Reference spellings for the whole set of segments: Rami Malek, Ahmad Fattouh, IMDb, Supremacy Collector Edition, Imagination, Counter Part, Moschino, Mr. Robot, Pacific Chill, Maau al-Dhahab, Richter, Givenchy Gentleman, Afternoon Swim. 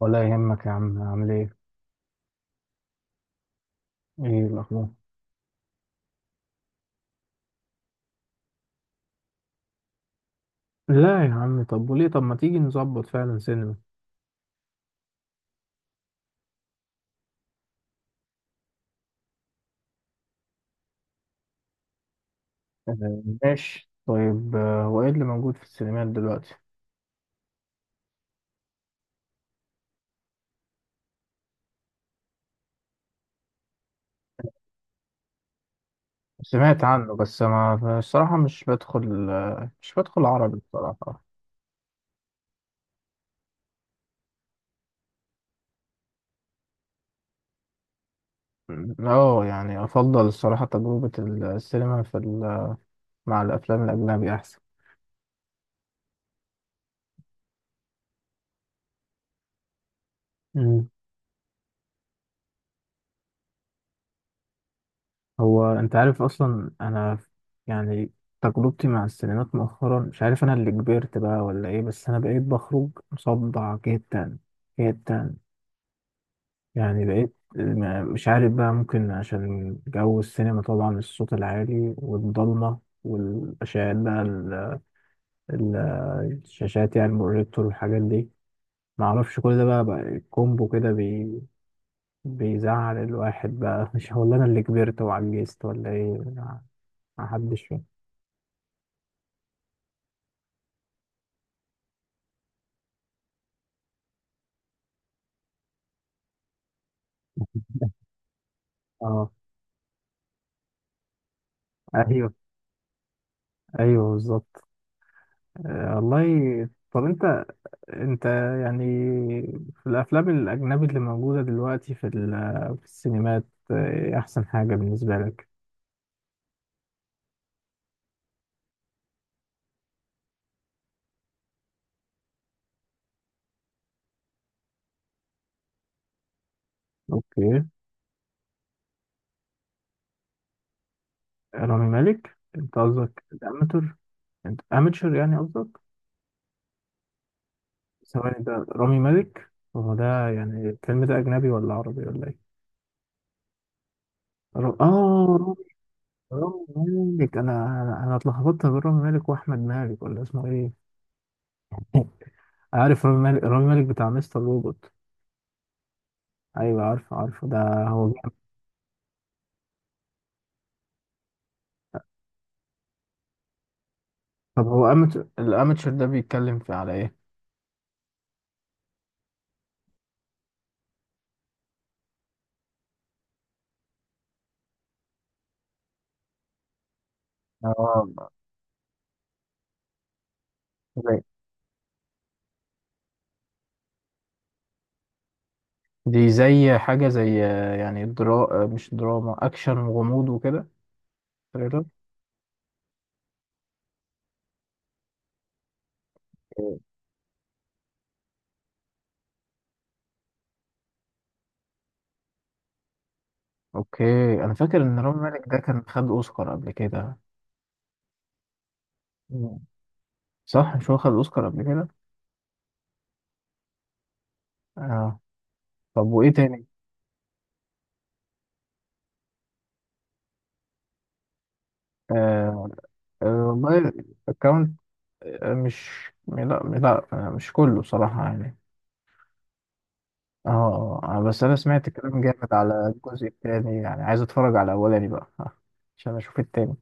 ولا يهمك يا عم، عامل ايه؟ ايه الاخبار؟ لا يا عم، طب وليه؟ طب ما تيجي نظبط فعلا سينما. ماشي طيب. هو ايه اللي موجود في السينمات دلوقتي؟ سمعت عنه، بس ما الصراحة مش بدخل، مش بدخل عربي الصراحة. اه يعني افضل الصراحة تجربة السينما في مع الافلام الاجنبي احسن. هو انت عارف اصلا انا يعني تجربتي مع السينمات مؤخرا، مش عارف انا اللي كبرت بقى ولا ايه، بس انا بقيت بخرج مصدع جدا جدا. يعني بقيت مش عارف بقى، ممكن عشان جو السينما طبعا، الصوت العالي والضلمة والأشعاعات بقى ال- الشاشات يعني، البروجيكتور والحاجات دي. معرفش كل ده بقى، بقى كومبو كده بي بيزعل الواحد بقى. مش هو اللي انا اللي كبرت وعجزت ولا ايه؟ ما ما حدش فاهم. اه. ايوه ايوه بالظبط. والله. طب انت، انت يعني في الافلام الاجنبي اللي موجوده دلوقتي في في السينمات، إيه احسن حاجه بالنسبه لك؟ اوكي. رامي مالك، انت قصدك الاماتور؟ انت اماتشر يعني قصدك؟ ثواني، ده رامي مالك هو ده؟ يعني الفيلم ده اجنبي ولا عربي ولا ايه؟ اه. رامي رامي مالك، انا أنا اتلخبطت بين رامي مالك واحمد مالك، ولا اسمه ايه؟ عارف، رامي مالك، رامي مالك بتاع مستر روبوت. ايوه، عارفه عارفه ده. هو جامد. طب هو أمت... الاماتشر ده بيتكلم في على ايه؟ اه. زي- دي زي حاجه زي، يعني درا... مش دراما، اكشن وغموض وكده. تريلر. أوكي. اوكي. انا فاكر ان رامي مالك ده كان خد اوسكار قبل كده. مم. صح مش هو خد اوسكار قبل كده؟ اه. طب وايه تاني؟ آه، والله الاكونت، مش لا لا، مش كله صراحة يعني. اه، بس انا سمعت الكلام جامد على الجزء التاني، يعني عايز اتفرج على الاولاني بقى عشان اشوف التاني.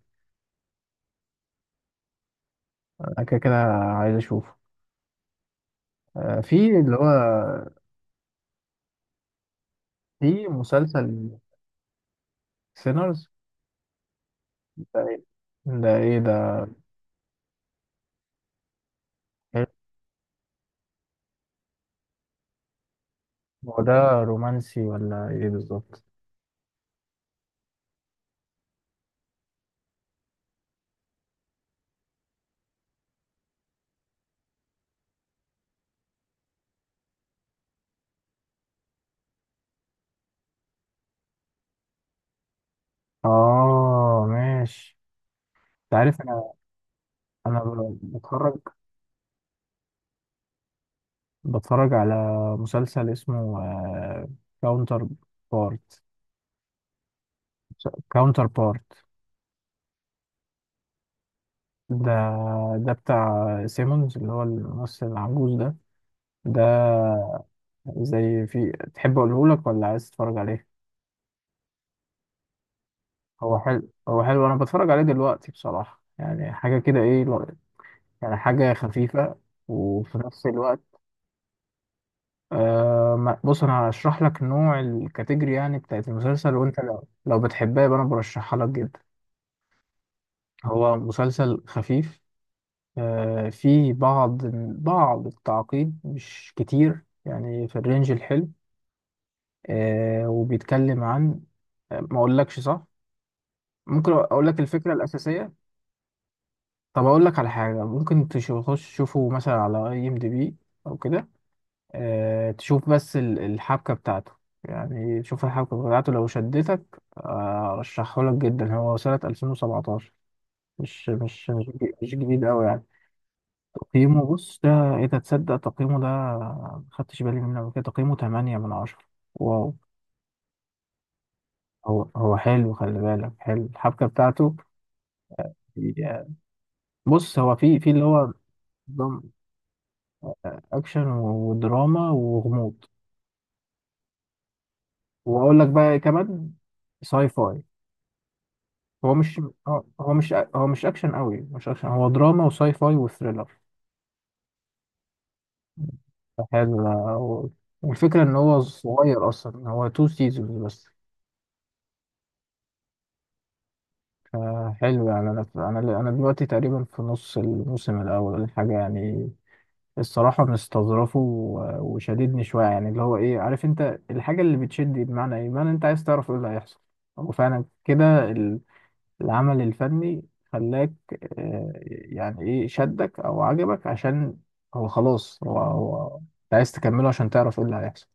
انا كده كده عايز اشوفه. في اللي هو، في مسلسل. سينرز؟ ده ايه؟ ده ايه ده؟ حلو. هو ده رومانسي ولا ايه بالظبط؟ اه ماشي. انت عارف انا، بتفرج، بتفرج على مسلسل اسمه كاونتر بارت. كاونتر بارت ده، ده بتاع سيمونز اللي هو الممثل العجوز ده. ده زي، في تحب اقوله لك ولا عايز تتفرج عليه؟ هو حلو، هو حلو. انا بتفرج عليه دلوقتي بصراحة، يعني حاجة كده، ايه، يعني حاجة خفيفة وفي نفس الوقت، بص انا هشرح لك نوع الكاتيجوري يعني بتاعت المسلسل، وانت لو بتحبها يبقى انا برشحها لك جدا. هو مسلسل خفيف، فيه بعض، بعض التعقيد مش كتير، يعني في الرينج الحلو. آه، وبيتكلم عن، ما اقولكش صح. ممكن اقول لك الفكره الاساسيه. طب اقول لك على حاجه، ممكن تخش تشوفه مثلا على اي ام دي بي او كده، آه تشوف بس الحبكه بتاعته، يعني تشوف الحبكه بتاعته، لو شدتك ارشحه لك جدا. هو سنه 2017، مش مش جديد قوي يعني. تقييمه، بص ده، ايه ده، تصدق تقييمه ده ما خدتش بالي منه قبل كده، تقييمه 8 من 10. واو. هو حلو، خلي بالك، حلو الحبكه بتاعته يعني. بص، هو في، في اللي هو، نظام اكشن ودراما وغموض. واقول لك بقى كمان ساي فاي. هو مش هو هو مش اكشن قوي، مش اكشن، هو دراما وساي فاي وثريلر. حلو ده. والفكره ان هو صغير اصلا، هو تو سيزونز بس. فحلو يعني، انا دلوقتي تقريبا في نص الموسم الاول ولا حاجه يعني. الصراحة مستظرفه وشاددني شوية يعني، اللي هو، إيه، عارف أنت الحاجة اللي بتشد دي بمعنى إيه؟ بمعنى أنت عايز تعرف إيه اللي هيحصل. هو فعلا كده، العمل الفني خلاك، يعني إيه شدك أو عجبك، عشان هو خلاص هو هو أنت عايز تكمله عشان تعرف إيه اللي هيحصل.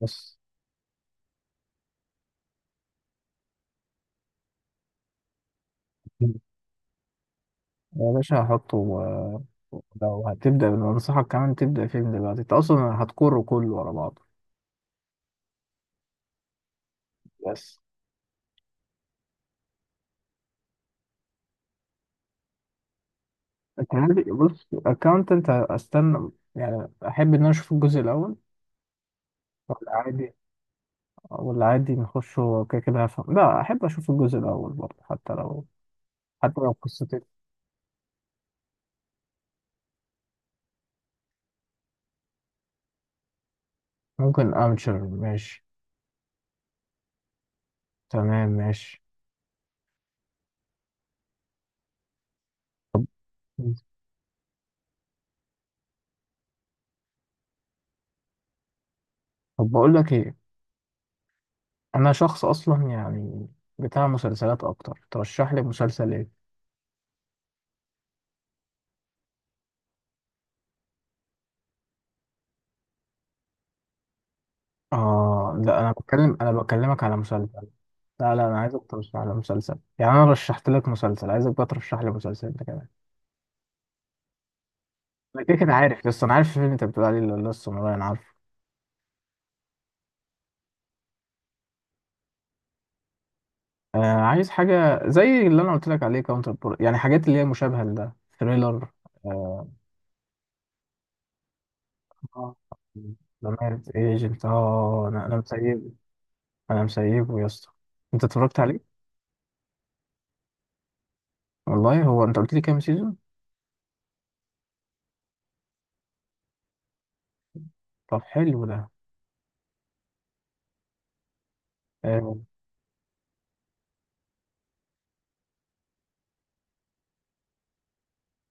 بس يا باشا هحطه لو هتبدأ أنصحك كمان تبدأ فيلم دلوقتي، أنت أصلا هتكره كله ورا بعضه. بس تعالي بص، اكاونتنت استنى، يعني احب ان انا اشوف الجزء الاول. ولا عادي، ولا عادي نخش، هو كده كده هفهم. لا احب اشوف الجزء الاول برضه، حتى لو، حتى لو قصتي. ممكن امشر ماشي. تمام ماشي. طب بقول لك ايه، انا شخص اصلا يعني بتاع مسلسلات اكتر. ترشح لي مسلسل ايه؟ اه لا، انا بتكلم، انا بكلمك على مسلسل. لا لا، انا عايزك ترشح لي مسلسل، يعني انا رشحت لك مسلسل، عايزك بقى ترشح لي مسلسل انت كمان. انا كده كده عارف، لسه، انا عارف الفيلم اللي انت بتقول عليه اللي هو، لسه والله انا عارفه. آه عايز حاجه زي اللي انا قلت لك عليه، كاونتر بور، يعني حاجات اللي هي مشابهه لده، ثريلر. آه. اه لمارد ايجنت، اه انا مسيبه، انا مسيبه يا اسطى. انت اتفرجت عليه؟ والله، هو انت قلت لي كام سيزون؟ طب حلو ده. آه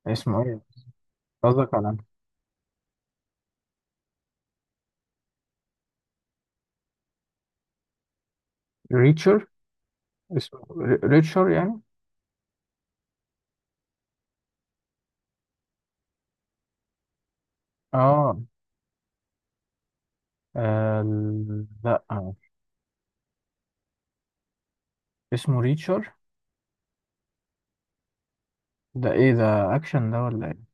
اسمه ايه؟ قصدك على ريتشر. اسمه ريتشر يعني؟ اه. آه لا، اسمه ريتشر. ده ايه ده؟ اكشن ده ولا ايه؟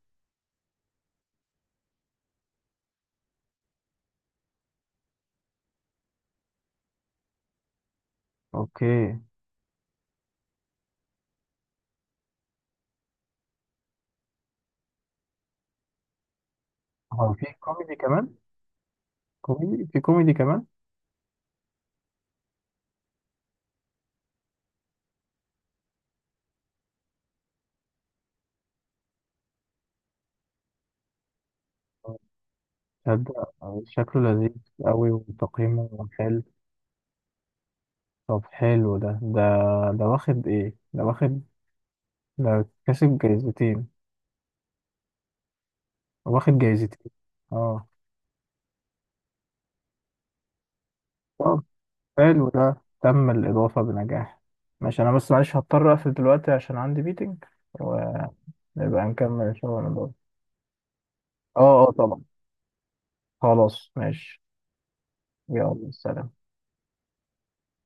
اوكي. هو في كوميدي كمان؟ كوميدي، في كوميدي كمان؟ تصدق شكله لذيذ قوي، وتقييمه حلو. طب حلو ده ده، ده واخد ايه؟ ده واخد، ده كسب جايزتين؟ واخد جايزتين؟ اه. طب حلو ده، تم الإضافة بنجاح. ماشي، أنا بس معلش هضطر أقفل دلوقتي عشان عندي ميتنج، ونبقى نكمل شغلنا برضه. اه اه طبعا. خلاص ماشي. يلا سلام.